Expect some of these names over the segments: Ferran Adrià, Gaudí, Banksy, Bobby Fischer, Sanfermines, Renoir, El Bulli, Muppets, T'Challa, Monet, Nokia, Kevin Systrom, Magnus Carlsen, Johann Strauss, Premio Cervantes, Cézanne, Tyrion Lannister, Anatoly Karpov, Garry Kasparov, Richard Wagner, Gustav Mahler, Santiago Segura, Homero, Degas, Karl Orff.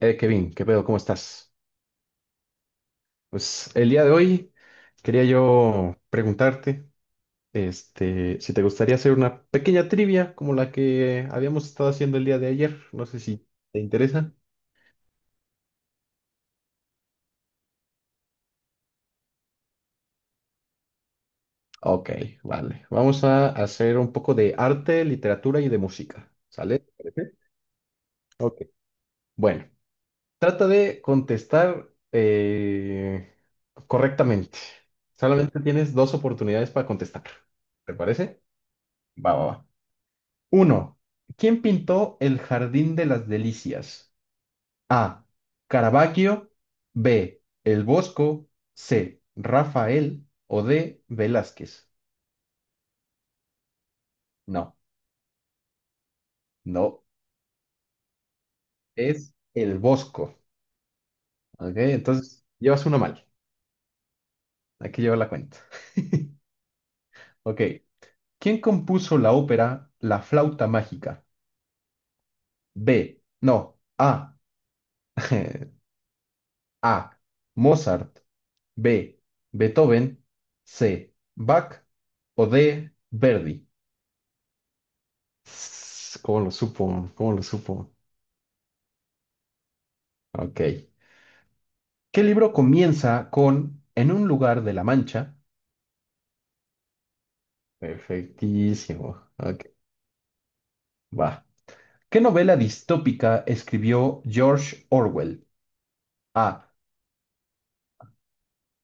Kevin, ¿qué pedo? ¿Cómo estás? Pues el día de hoy quería yo preguntarte, si te gustaría hacer una pequeña trivia como la que habíamos estado haciendo el día de ayer. No sé si te interesa. Ok, vale. Vamos a hacer un poco de arte, literatura y de música. ¿Sale? ¿Te parece? Ok. Bueno, trata de contestar correctamente. Solamente tienes dos oportunidades para contestar. ¿Te parece? Va, va, va. Uno. ¿Quién pintó el Jardín de las Delicias? A. Caravaggio. B. El Bosco. C. Rafael. O D. Velázquez. No, no, es el Bosco. Ok, entonces llevas uno mal. Hay que llevar la cuenta. Ok. ¿Quién compuso la ópera La flauta mágica? B. No. A. A. Mozart. B. Beethoven. C. Bach. O D. Verdi. Sss, ¿cómo lo supo? ¿Cómo lo supo? Ok. ¿Qué libro comienza con en un lugar de la Mancha? Perfectísimo. Ok, va. ¿Qué novela distópica escribió George Orwell? A.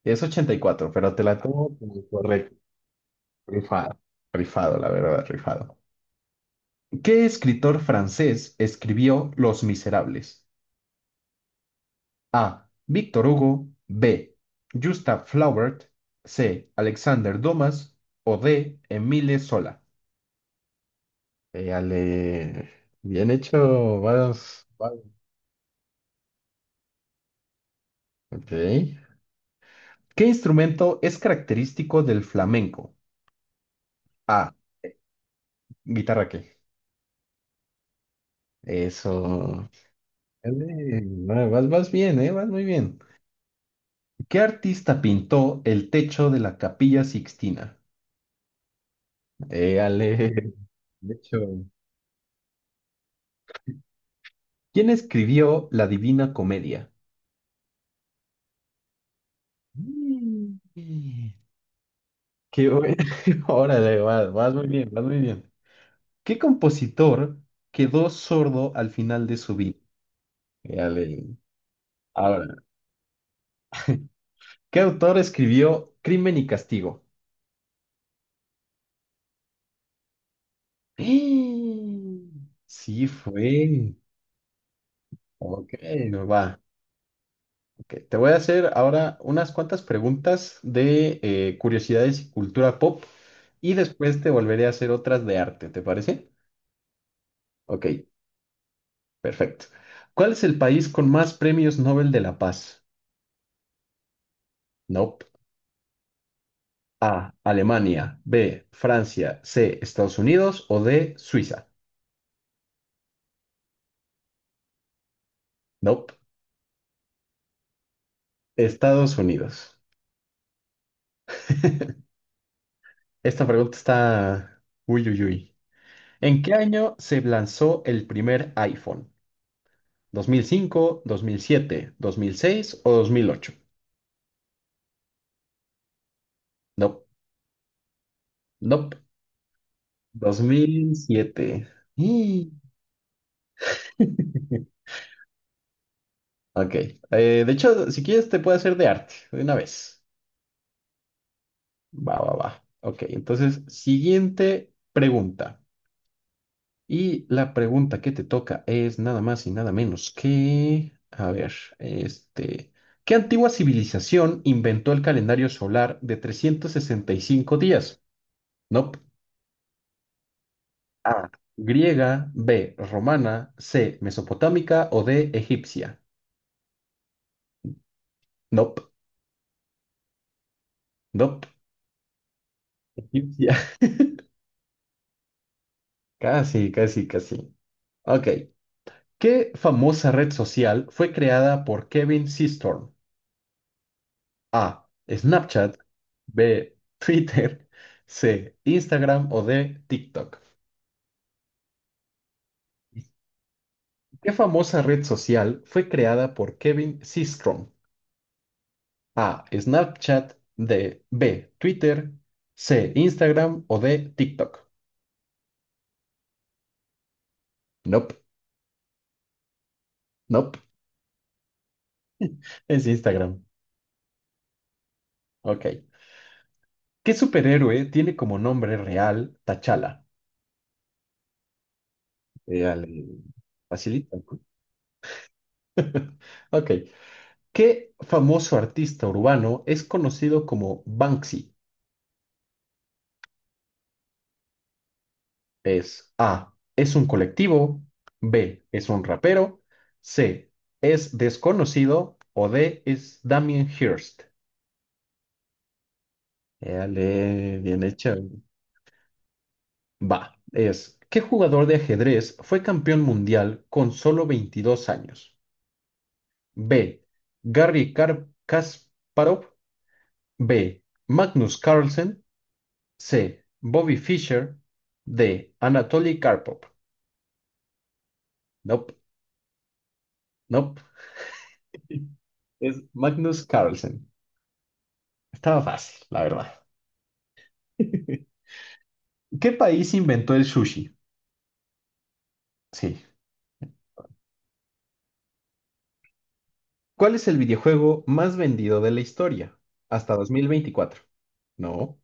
Es 84, pero te la tomo como correcto. Rifado. Rifado, la verdad, rifado. ¿Qué escritor francés escribió Los Miserables? A. Víctor Hugo. B. Gustav Flaubert. C. Alexander Dumas. O D. Emile Sola. Éale, bien hecho, varios, varios. Ok. ¿Qué instrumento es característico del flamenco? A. Guitarra qué. Eso. Éale, Vas bien, ¿eh? Vas muy bien. ¿Qué artista pintó el techo de la Capilla Sixtina? Éale, de hecho. ¿Quién escribió La Divina Comedia? Mm. Qué bueno. Órale, vas, vas muy bien, vas muy bien. ¿Qué compositor quedó sordo al final de su vida? Ya le- Ahora, ¿qué autor escribió Crimen y Castigo? ¡Eh! Sí, fue. Ok, va. Ok, te voy a hacer ahora unas cuantas preguntas de curiosidades y cultura pop, y después te volveré a hacer otras de arte, ¿te parece? Ok, perfecto. ¿Cuál es el país con más premios Nobel de la Paz? Nope. A. Alemania. B. Francia. C. Estados Unidos. O D. Suiza. Nope. Estados Unidos. Esta pregunta está... Uy, uy, uy. ¿En qué año se lanzó el primer iPhone? Dos mil cinco, dos mil siete, dos mil seis o 2008? Nope. Nope. 2007. Y- Ok. De hecho, si quieres te puedo hacer de arte de una vez. Va, va, va. Ok, entonces, siguiente pregunta. Y la pregunta que te toca es nada más y nada menos que, a ver, este, ¿qué antigua civilización inventó el calendario solar de 365 días? No. A, griega, B, romana, C, mesopotámica o D, egipcia. Nope, nope, egipcia. Casi, casi, casi. Ok. ¿Qué famosa red social fue creada por Kevin Systrom? A. Snapchat. B. Twitter. C. Instagram o D. TikTok. ¿Qué famosa red social fue creada por Kevin Systrom? A. Snapchat. D. B. Twitter. C. Instagram o D. TikTok. Nope, nope. Es Instagram. Ok. ¿Qué superhéroe tiene como nombre real T'Challa? Real. Facilita, ¿no? Ok. ¿Qué famoso artista urbano es conocido como Banksy? Es A, es un colectivo, B, es un rapero, C, es desconocido o D, es Damien Hirst. Dale, bien hecha. Va, es, ¿qué jugador de ajedrez fue campeón mundial con solo 22 años? B, Garry Kasparov, B, Magnus Carlsen, C, Bobby Fischer, D, Anatoly Karpov. Nope, nope, es Magnus Carlsen. Estaba fácil, la verdad. ¿Qué país inventó el sushi? Sí. ¿Cuál es el videojuego más vendido de la historia hasta 2024? No.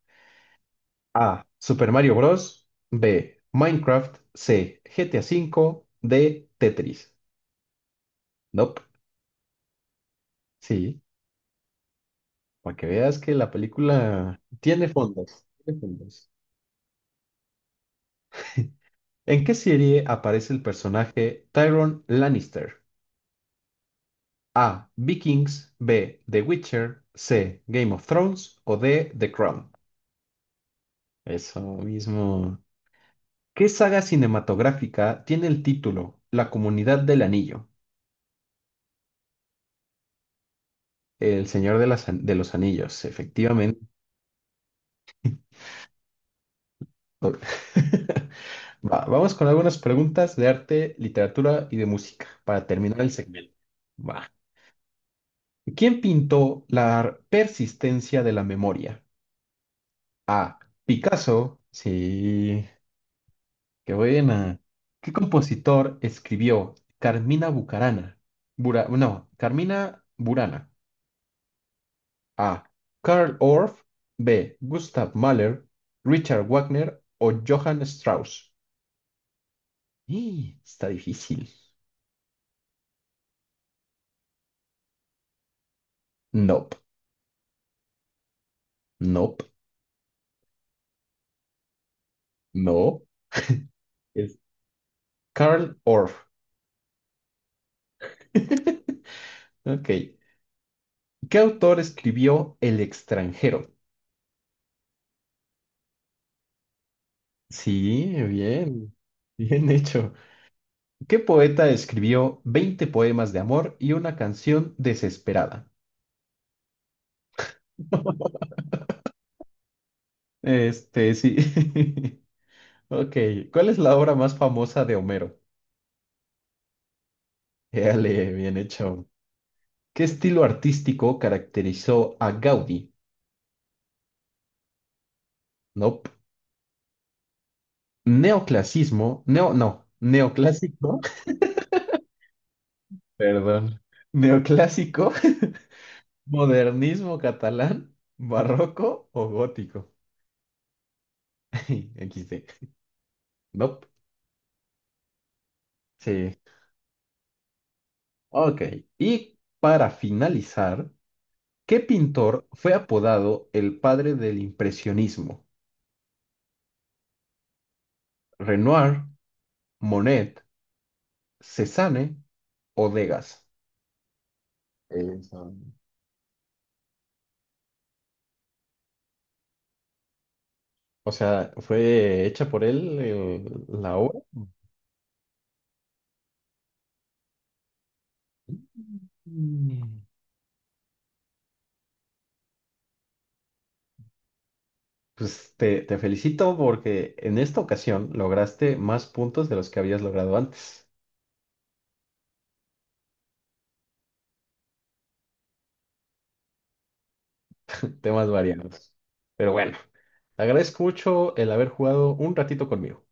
A. Super Mario Bros. B. Minecraft. C. GTA V. D. Tetris. Nope. Sí. Para que veas que la película tiene fondos. Tiene fondos. ¿En qué serie aparece el personaje Tyrion Lannister? A. Vikings. B. The Witcher. C. Game of Thrones. O D. The Crown. Eso mismo. ¿Qué saga cinematográfica tiene el título La Comunidad del Anillo? El Señor de, de los Anillos, efectivamente. Va, vamos con algunas preguntas de arte, literatura y de música para terminar el segmento. Va. ¿Quién pintó la persistencia de la memoria? A. Picasso. Sí. Qué buena. ¿Qué compositor escribió Carmina Bucarana? Bura- no, Carmina Burana. A. Karl Orff. B. Gustav Mahler. Richard Wagner o Johann Strauss. Y está difícil. Nope, nope, no. Es Karl Orff. Ok. ¿Qué autor escribió El extranjero? Sí, bien. Bien hecho. ¿Qué poeta escribió 20 poemas de amor y una canción desesperada? Sí. Ok. ¿Cuál es la obra más famosa de Homero? Dale, bien hecho. ¿Qué estilo artístico caracterizó a Gaudí? Nope. Neoclasismo. Neo, no. Neoclásico. Perdón. Neoclásico. Modernismo catalán. Barroco o gótico. XD. Nope. Sí. Ok. Y para finalizar. ¿Qué pintor fue apodado el padre del impresionismo? ¿Renoir, Monet, Cézanne o Degas? Eso. O sea, ¿fue hecha por él la obra? Mm. Pues te felicito porque en esta ocasión lograste más puntos de los que habías logrado antes. Temas variados. Pero bueno, te agradezco mucho el haber jugado un ratito conmigo.